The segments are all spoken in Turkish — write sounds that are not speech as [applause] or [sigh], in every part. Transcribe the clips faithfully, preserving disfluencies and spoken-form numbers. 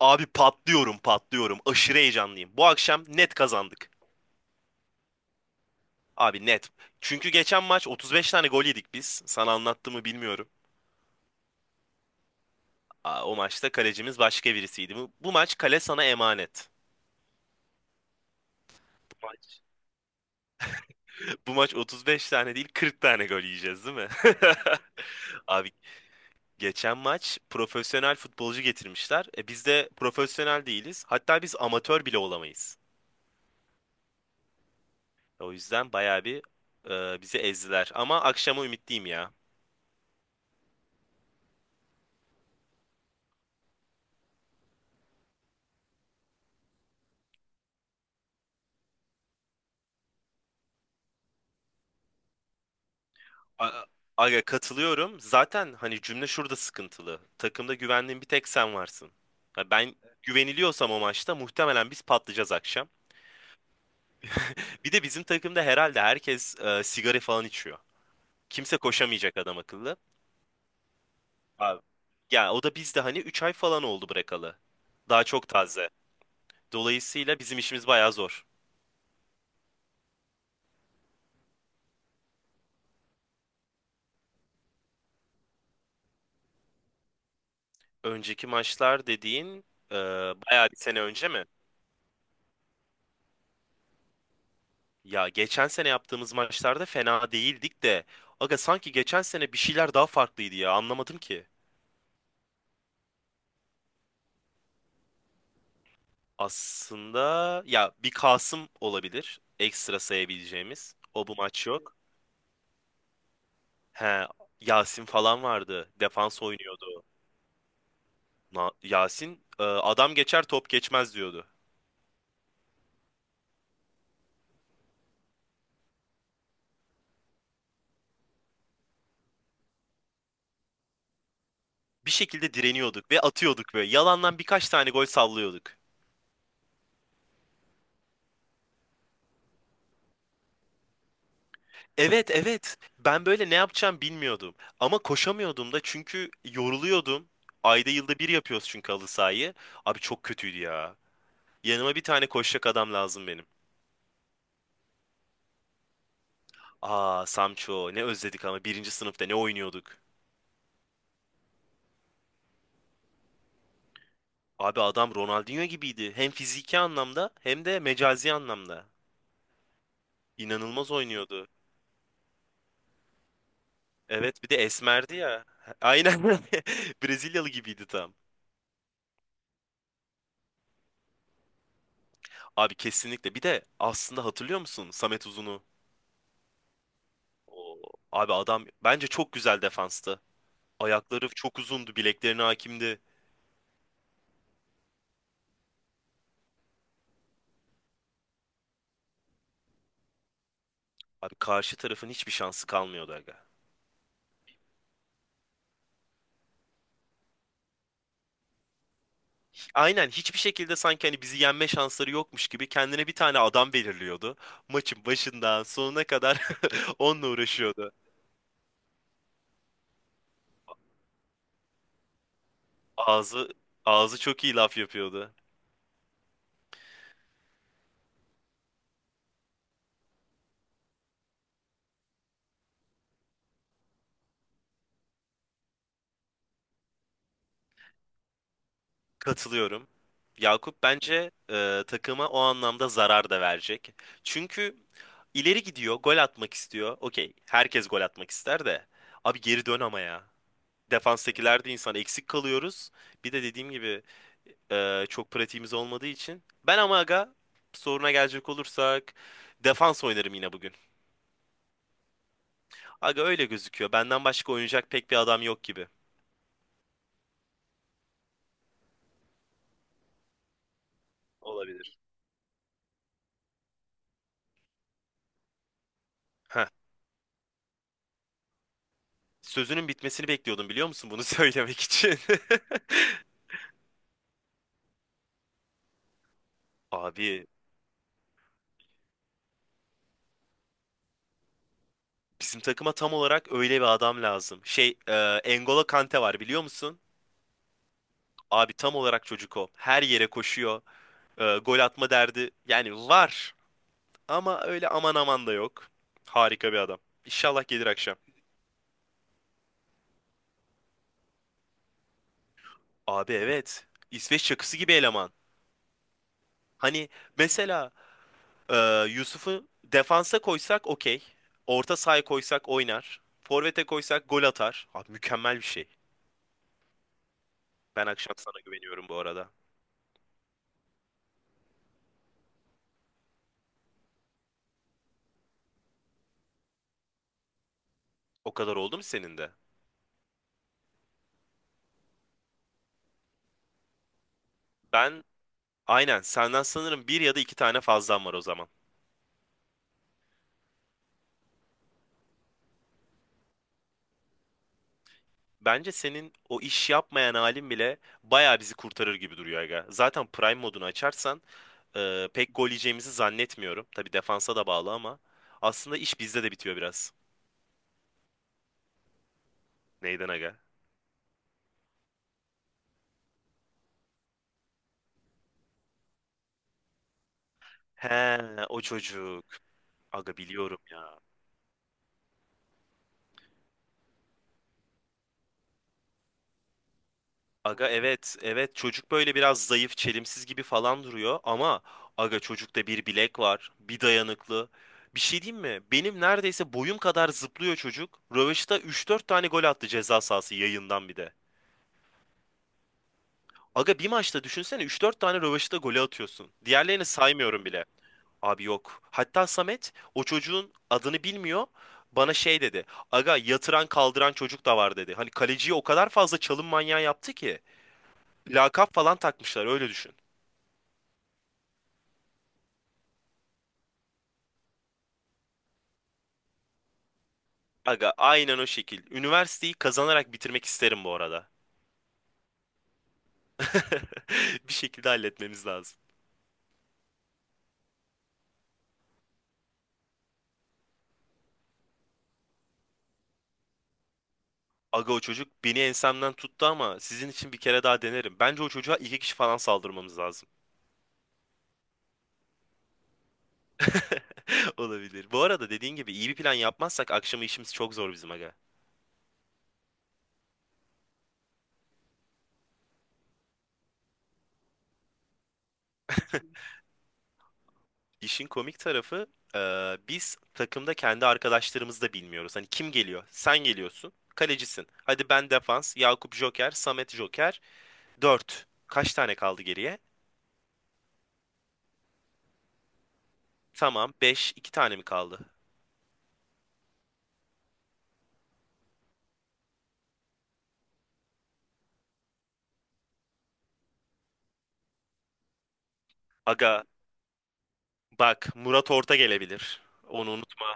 Abi patlıyorum patlıyorum. Aşırı heyecanlıyım. Bu akşam net kazandık. Abi net. Çünkü geçen maç otuz beş tane gol yedik biz. Sana anlattığımı bilmiyorum. Aa, o maçta kalecimiz başka birisiydi. Bu, bu maç kale sana emanet. Bu maç. [laughs] Bu maç otuz beş tane değil kırk tane gol yiyeceğiz, değil mi? [laughs] Abi geçen maç profesyonel futbolcu getirmişler. E, biz de profesyonel değiliz. Hatta biz amatör bile olamayız. O yüzden bayağı bir e, bizi ezdiler. Ama akşama ümitliyim ya. A- Aga katılıyorum. Zaten hani cümle şurada sıkıntılı. Takımda güvendiğin bir tek sen varsın. Ha, Ben güveniliyorsam o maçta muhtemelen biz patlayacağız akşam. Bir de bizim takımda herhalde herkes e, sigara falan içiyor. Kimse koşamayacak adam akıllı. Abi. Ya o da bizde hani üç ay falan oldu bırakalı. Daha çok taze. Dolayısıyla bizim işimiz bayağı zor. Önceki maçlar dediğin e, bayağı bir sene önce mi? Ya geçen sene yaptığımız maçlarda fena değildik de, aga sanki geçen sene bir şeyler daha farklıydı ya, anlamadım ki. Aslında ya bir Kasım olabilir ekstra sayabileceğimiz. O bu maç yok. He, Yasin falan vardı. Defans oynuyordu. Na- Yasin e, adam geçer top geçmez diyordu. Bir şekilde direniyorduk ve atıyorduk böyle. Yalandan birkaç tane gol sallıyorduk. Evet, evet. Ben böyle ne yapacağım bilmiyordum. Ama koşamıyordum da çünkü yoruluyordum. Ayda yılda bir yapıyoruz çünkü halı sahayı. Abi çok kötüydü ya. Yanıma bir tane koşacak adam lazım benim. Aa, Samço, ne özledik ama birinci sınıfta ne oynuyorduk. Abi adam Ronaldinho gibiydi. Hem fiziki anlamda hem de mecazi anlamda. İnanılmaz oynuyordu. Evet, bir de esmerdi ya. [laughs] Aynen. [laughs] Brezilyalı gibiydi tam. Abi kesinlikle. Bir de aslında hatırlıyor musun Samet Uzun'u? Oo, abi adam bence çok güzel defanstı. Ayakları çok uzundu, bileklerine hakimdi. Abi karşı tarafın hiçbir şansı kalmıyordu aga. Aynen, hiçbir şekilde sanki hani bizi yenme şansları yokmuş gibi kendine bir tane adam belirliyordu. Maçın başından sonuna kadar [laughs] onunla uğraşıyordu. Ağzı ağzı çok iyi laf yapıyordu. Katılıyorum. Yakup bence e, takıma o anlamda zarar da verecek. Çünkü ileri gidiyor, gol atmak istiyor. Okey, herkes gol atmak ister de. Abi geri dön ama ya. Defanstakiler de insan, eksik kalıyoruz. Bir de dediğim gibi e, çok pratiğimiz olmadığı için. Ben ama aga, soruna gelecek olursak defans oynarım yine bugün. Aga öyle gözüküyor. Benden başka oynayacak pek bir adam yok gibi. Olabilir. Heh. Sözünün bitmesini bekliyordum, biliyor musun bunu [laughs] söylemek için? [laughs] Abi bizim takıma tam olarak öyle bir adam lazım. Şey, e, N'Golo Kante var biliyor musun? Abi tam olarak çocuk o. Her yere koşuyor. E, gol atma derdi. Yani var. Ama öyle aman aman da yok. Harika bir adam. İnşallah gelir akşam. Abi evet. İsveç çakısı gibi eleman. Hani mesela e, Yusuf'u defansa koysak okey. Orta sahaya koysak oynar. Forvete koysak gol atar. Abi mükemmel bir şey. Ben akşam sana güveniyorum bu arada. O kadar oldu mu senin de? Ben aynen senden sanırım bir ya da iki tane fazlan var o zaman. Bence senin o iş yapmayan halin bile bayağı bizi kurtarır gibi duruyor aga. Zaten Prime modunu açarsan Ee, pek gol yiyeceğimizi zannetmiyorum. Tabii defansa da bağlı ama aslında iş bizde de bitiyor biraz. Neyden aga? He, o çocuk. Aga biliyorum ya. Aga evet, evet çocuk böyle biraz zayıf, çelimsiz gibi falan duruyor ama aga çocukta bir bilek var, bir dayanıklı. Bir şey diyeyim mi? Benim neredeyse boyum kadar zıplıyor çocuk. Rövaşata üç dört tane gol attı ceza sahası yayından bir de. Aga bir maçta düşünsene üç dört tane rövaşata golü atıyorsun. Diğerlerini saymıyorum bile. Abi yok. Hatta Samet o çocuğun adını bilmiyor. Bana şey dedi. Aga yatıran kaldıran çocuk da var dedi. Hani kaleciyi o kadar fazla çalım manyağı yaptı ki. Lakap falan takmışlar öyle düşün. Aga aynen o şekil. Üniversiteyi kazanarak bitirmek isterim bu arada. [laughs] Bir şekilde halletmemiz lazım. Aga o çocuk beni ensemden tuttu ama sizin için bir kere daha denerim. Bence o çocuğa iki kişi falan saldırmamız lazım. [laughs] Olabilir. Bu arada dediğin gibi iyi bir plan yapmazsak akşama işimiz çok zor bizim aga. İşin komik tarafı e, biz takımda kendi arkadaşlarımızı da bilmiyoruz. Hani kim geliyor? Sen geliyorsun. Kalecisin. Hadi ben defans. Yakup joker. Samet joker. Dört. Kaç tane kaldı geriye? Tamam, beş. iki tane mi kaldı? Aga bak, Murat Orta gelebilir. Onu unutma.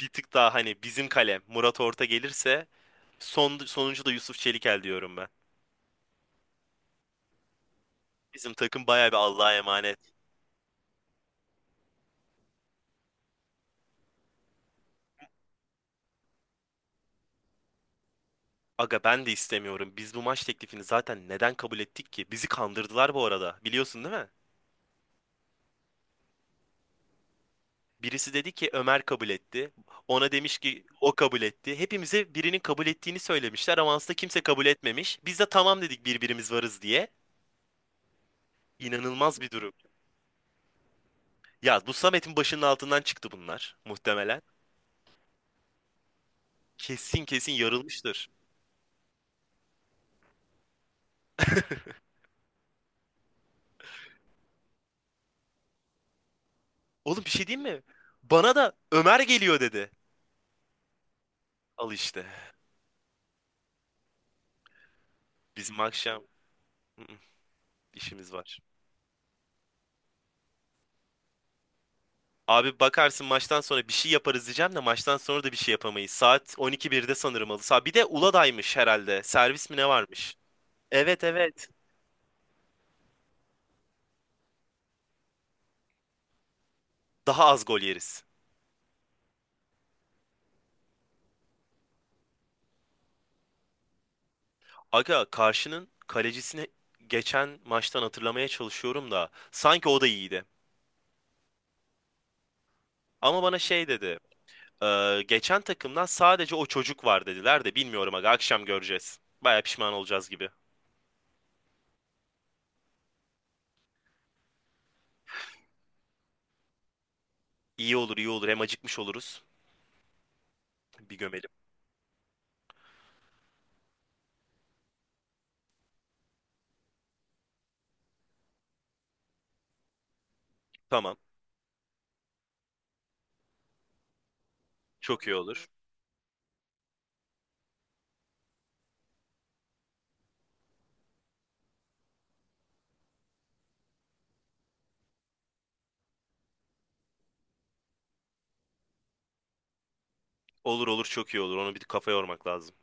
Bir tık daha hani bizim kalem Murat Orta gelirse son, sonuncu da Yusuf Çelikel diyorum ben. Bizim takım bayağı bir Allah'a emanet. Aga ben de istemiyorum. Biz bu maç teklifini zaten neden kabul ettik ki? Bizi kandırdılar bu arada. Biliyorsun değil mi? Birisi dedi ki Ömer kabul etti. Ona demiş ki o kabul etti. Hepimize birinin kabul ettiğini söylemişler ama aslında kimse kabul etmemiş. Biz de tamam dedik birbirimiz varız diye. İnanılmaz bir durum. Ya bu Samet'in başının altından çıktı bunlar muhtemelen. Kesin, kesin yarılmıştır. Oğlum bir şey diyeyim mi? Bana da Ömer geliyor dedi. Al işte. Bizim akşam [laughs] işimiz var. Abi bakarsın maçtan sonra bir şey yaparız diyeceğim de maçtan sonra da bir şey yapamayız. Saat on iki birde sanırım halı saha. Bir de Uluday'mış herhalde. Servis mi ne varmış? Evet, evet. Daha az gol yeriz. Aga karşının kalecisini geçen maçtan hatırlamaya çalışıyorum da sanki o da iyiydi. Ama bana şey dedi. "Ee, geçen takımdan sadece o çocuk var" dediler de bilmiyorum aga, akşam göreceğiz. Baya pişman olacağız gibi. İyi olur, iyi olur, hem acıkmış oluruz. Bir gömelim. Tamam. Çok iyi olur. Olur, olur, çok iyi olur. Onu bir kafa yormak lazım.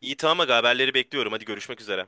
İyi, tamam aga, haberleri bekliyorum. Hadi, görüşmek üzere.